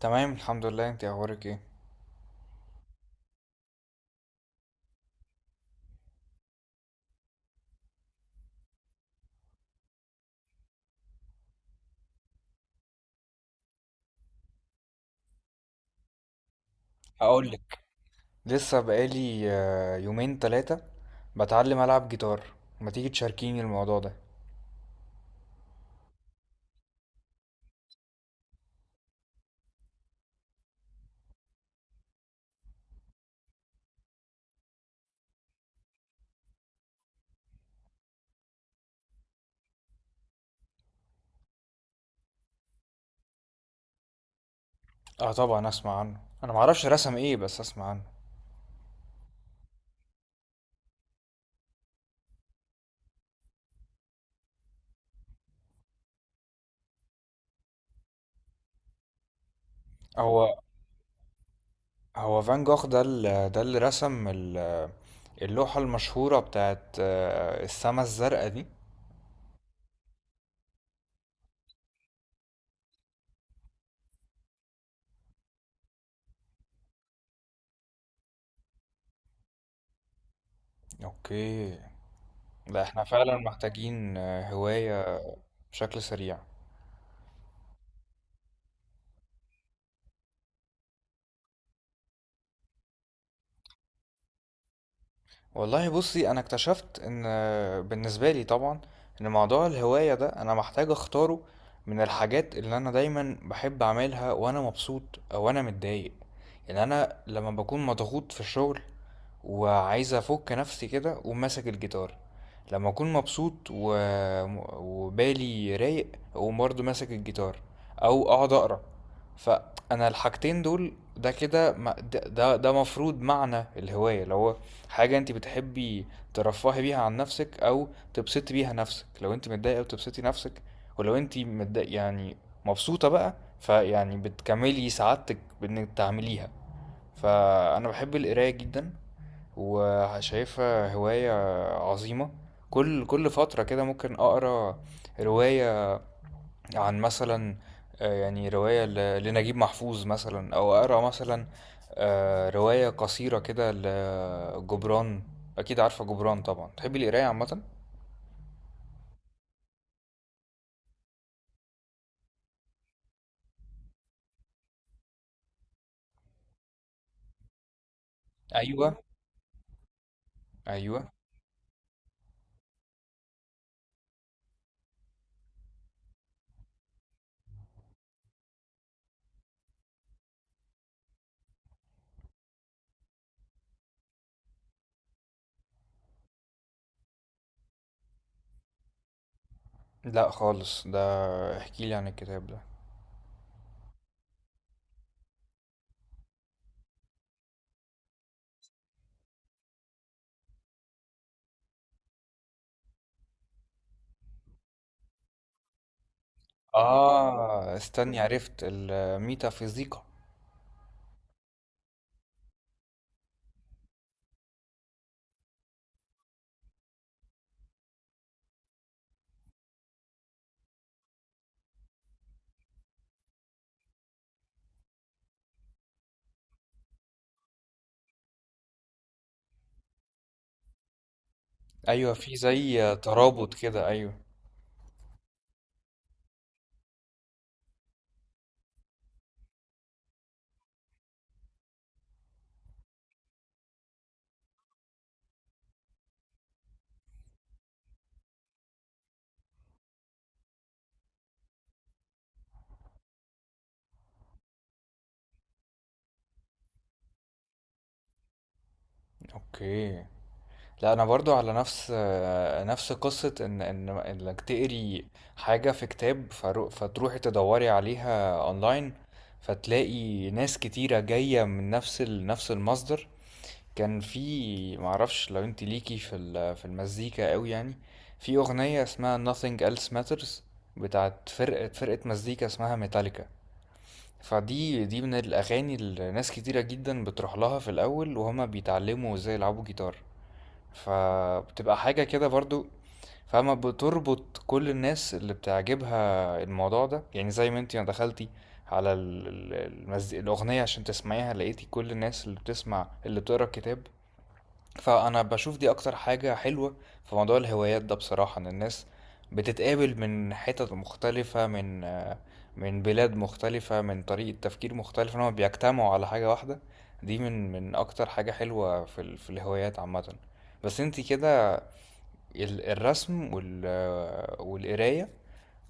تمام الحمد لله، انت اخبارك ايه؟ هقول لك، لسه بقالي يومين تلاتة بتعلم العب جيتار. ما تيجي تشاركيني الموضوع ده؟ اه طبعا اسمع عنه، انا معرفش رسم ايه بس اسمع عنه. هو هو فان جوخ ده ده اللي رسم اللوحة المشهورة بتاعت السما الزرقاء دي. اوكي، لا احنا فعلا محتاجين هواية بشكل سريع. والله بصي، انا اكتشفت ان بالنسبه لي طبعا ان موضوع الهوايه ده انا محتاج اختاره من الحاجات اللي انا دايما بحب اعملها وانا مبسوط او انا متضايق. يعني انا لما بكون مضغوط في الشغل وعايز افك نفسي كده اقوم ماسك الجيتار، لما اكون مبسوط وبالي رايق اقوم برضه ماسك الجيتار او اقعد اقرا. فانا الحاجتين دول ده كده ده مفروض معنى الهوايه، اللي هو حاجة انت بتحبي ترفهي بيها عن نفسك، او تبسطي بيها نفسك. لو انت متضايقة بتبسطي نفسك، ولو انت متضايق يعني مبسوطة بقى فيعني بتكملي سعادتك بانك تعمليها. فانا بحب القراية جدا وشايفها هواية عظيمة. كل فترة كده ممكن اقرا رواية عن مثلا، يعني رواية لنجيب محفوظ مثلا، أو أقرأ مثلا رواية قصيرة كده لجبران. أكيد عارفة جبران طبعا، تحبي القراية عامة؟ أيوة، أيوة. لا خالص ده، احكيلي عن الكتاب ده. آه استني، عرفت الميتافيزيقا. أيوة، في زي ترابط كده، أيوة. أوكي، لا انا برضو على نفس نفس قصة ان ان انك تقري حاجة في كتاب فتروحي تدوري عليها اونلاين فتلاقي ناس كتيرة جاية من نفس نفس المصدر. كان في معرفش لو انت ليكي في في المزيكا قوي، يعني في اغنية اسمها Nothing Else Matters بتاعت فرقة مزيكا اسمها ميتاليكا. فدي من الاغاني اللي ناس كتيرة جدا بتروح لها في الاول وهما بيتعلموا ازاي يلعبوا جيتار. فبتبقى حاجة كده برضو، فاهمة، بتربط كل الناس اللي بتعجبها الموضوع ده. يعني زي ما انتي ما دخلتي على الأغنية عشان تسمعيها لقيتي كل الناس اللي بتسمع اللي بتقرا الكتاب. فأنا باشوف دي أكتر حاجة حلوة في موضوع الهوايات ده بصراحة، إن الناس بتتقابل من حتت مختلفة، من من بلاد مختلفة، من طريقة تفكير مختلفة، إنهم بيجتمعوا على حاجة واحدة. دي من أكتر حاجة حلوة في في الهوايات عامة. بس انتي كده الرسم وال آه، والقراية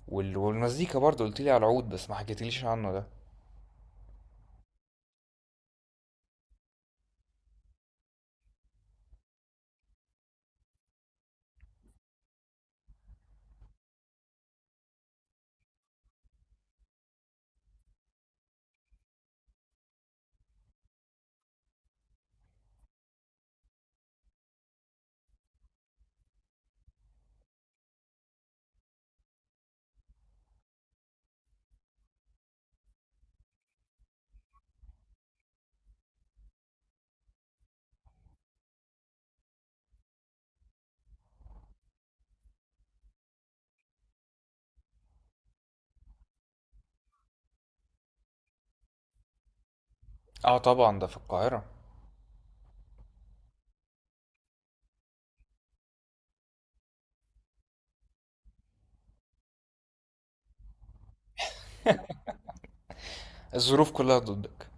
وال- والمزيكا برضه قلتيلي على العود بس ما حكيتليش عنه ده. اه طبعا، ده في القاهرة. الظروف كلها ضدك.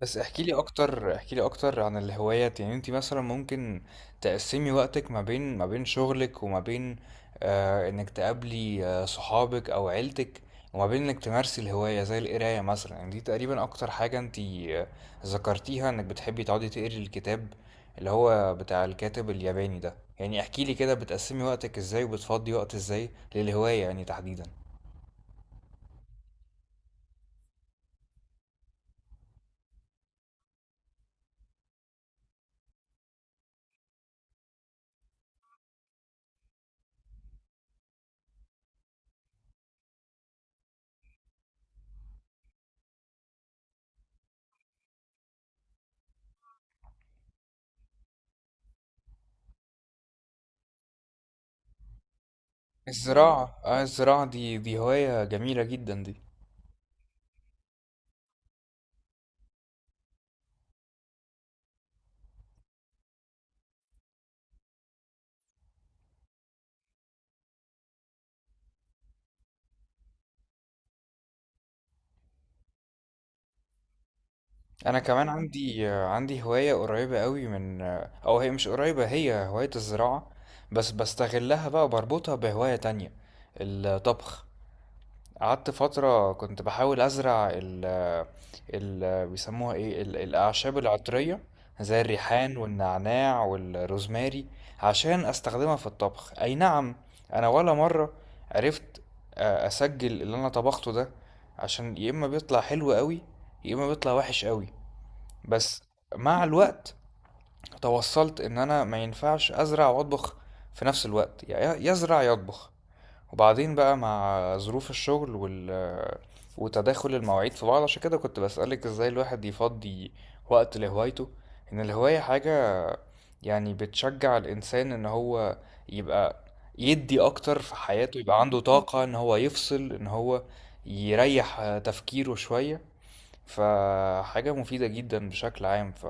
بس احكي لي اكتر، احكي لي اكتر عن الهوايات. يعني انت مثلا ممكن تقسمي وقتك ما بين شغلك وما بين انك تقابلي صحابك او عيلتك، وما بين انك تمارسي الهواية زي القراية مثلا. يعني دي تقريبا اكتر حاجة انت آه، ذكرتيها انك بتحبي تقعدي تقري الكتاب اللي هو بتاع الكاتب الياباني ده. يعني احكي لي كده بتقسمي وقتك ازاي وبتفضي وقت ازاي للهواية يعني تحديدا. الزراعة، آه الزراعة دي، دي هواية جميلة جدا دي. انا كمان عندي هواية قريبة قوي من، او هي مش قريبة، هي هواية الزراعة بس بستغلها بقى، بربطها بهواية تانية، الطبخ. قعدت فترة كنت بحاول ازرع ال ال بيسموها ايه الاعشاب العطرية زي الريحان والنعناع والروزماري عشان استخدمها في الطبخ. اي نعم، انا ولا مرة عرفت اسجل اللي انا طبخته ده، عشان يا اما بيطلع حلو قوي يا اما بيطلع وحش قوي. بس مع الوقت توصلت ان انا ما ينفعش ازرع واطبخ في نفس الوقت، يعني يزرع يطبخ. وبعدين بقى مع ظروف الشغل وتداخل المواعيد في بعض، عشان كده كنت بسألك ازاي الواحد يفضي وقت لهوايته. ان الهواية حاجة يعني بتشجع الانسان ان هو يبقى يدي اكتر في حياته، يبقى عنده طاقة ان هو يفصل، ان هو يريح تفكيره شوية. فحاجة مفيدة جدا بشكل عام. ف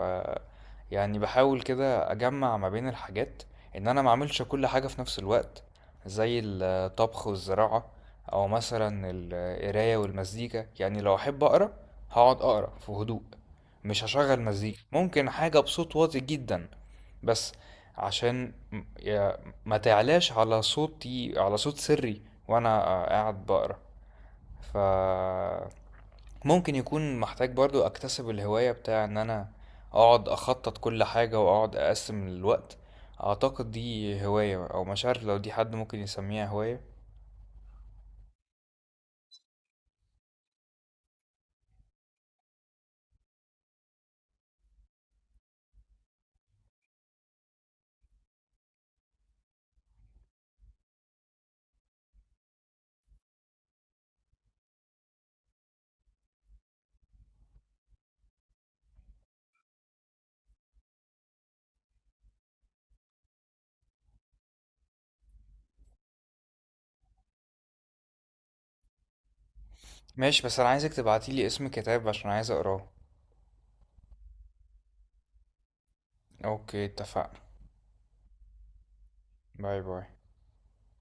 يعني بحاول كده اجمع ما بين الحاجات، ان انا ما اعملش كل حاجة في نفس الوقت زي الطبخ والزراعة، او مثلا القراية والمزيكا. يعني لو احب اقرا هقعد اقرا في هدوء، مش هشغل مزيكا، ممكن حاجة بصوت واطي جدا بس عشان ما تعلاش على صوتي على صوت سري وانا قاعد بقرا. ف ممكن يكون محتاج برضو اكتسب الهواية بتاع ان انا اقعد اخطط كل حاجة واقعد اقسم الوقت. اعتقد دي هواية، او مش عارف لو دي حد ممكن يسميها هواية. ماشي، بس انا عايزك تبعتيلي اسم كتاب عشان عايز اقراه. اوكي، اتفقنا. باي باي.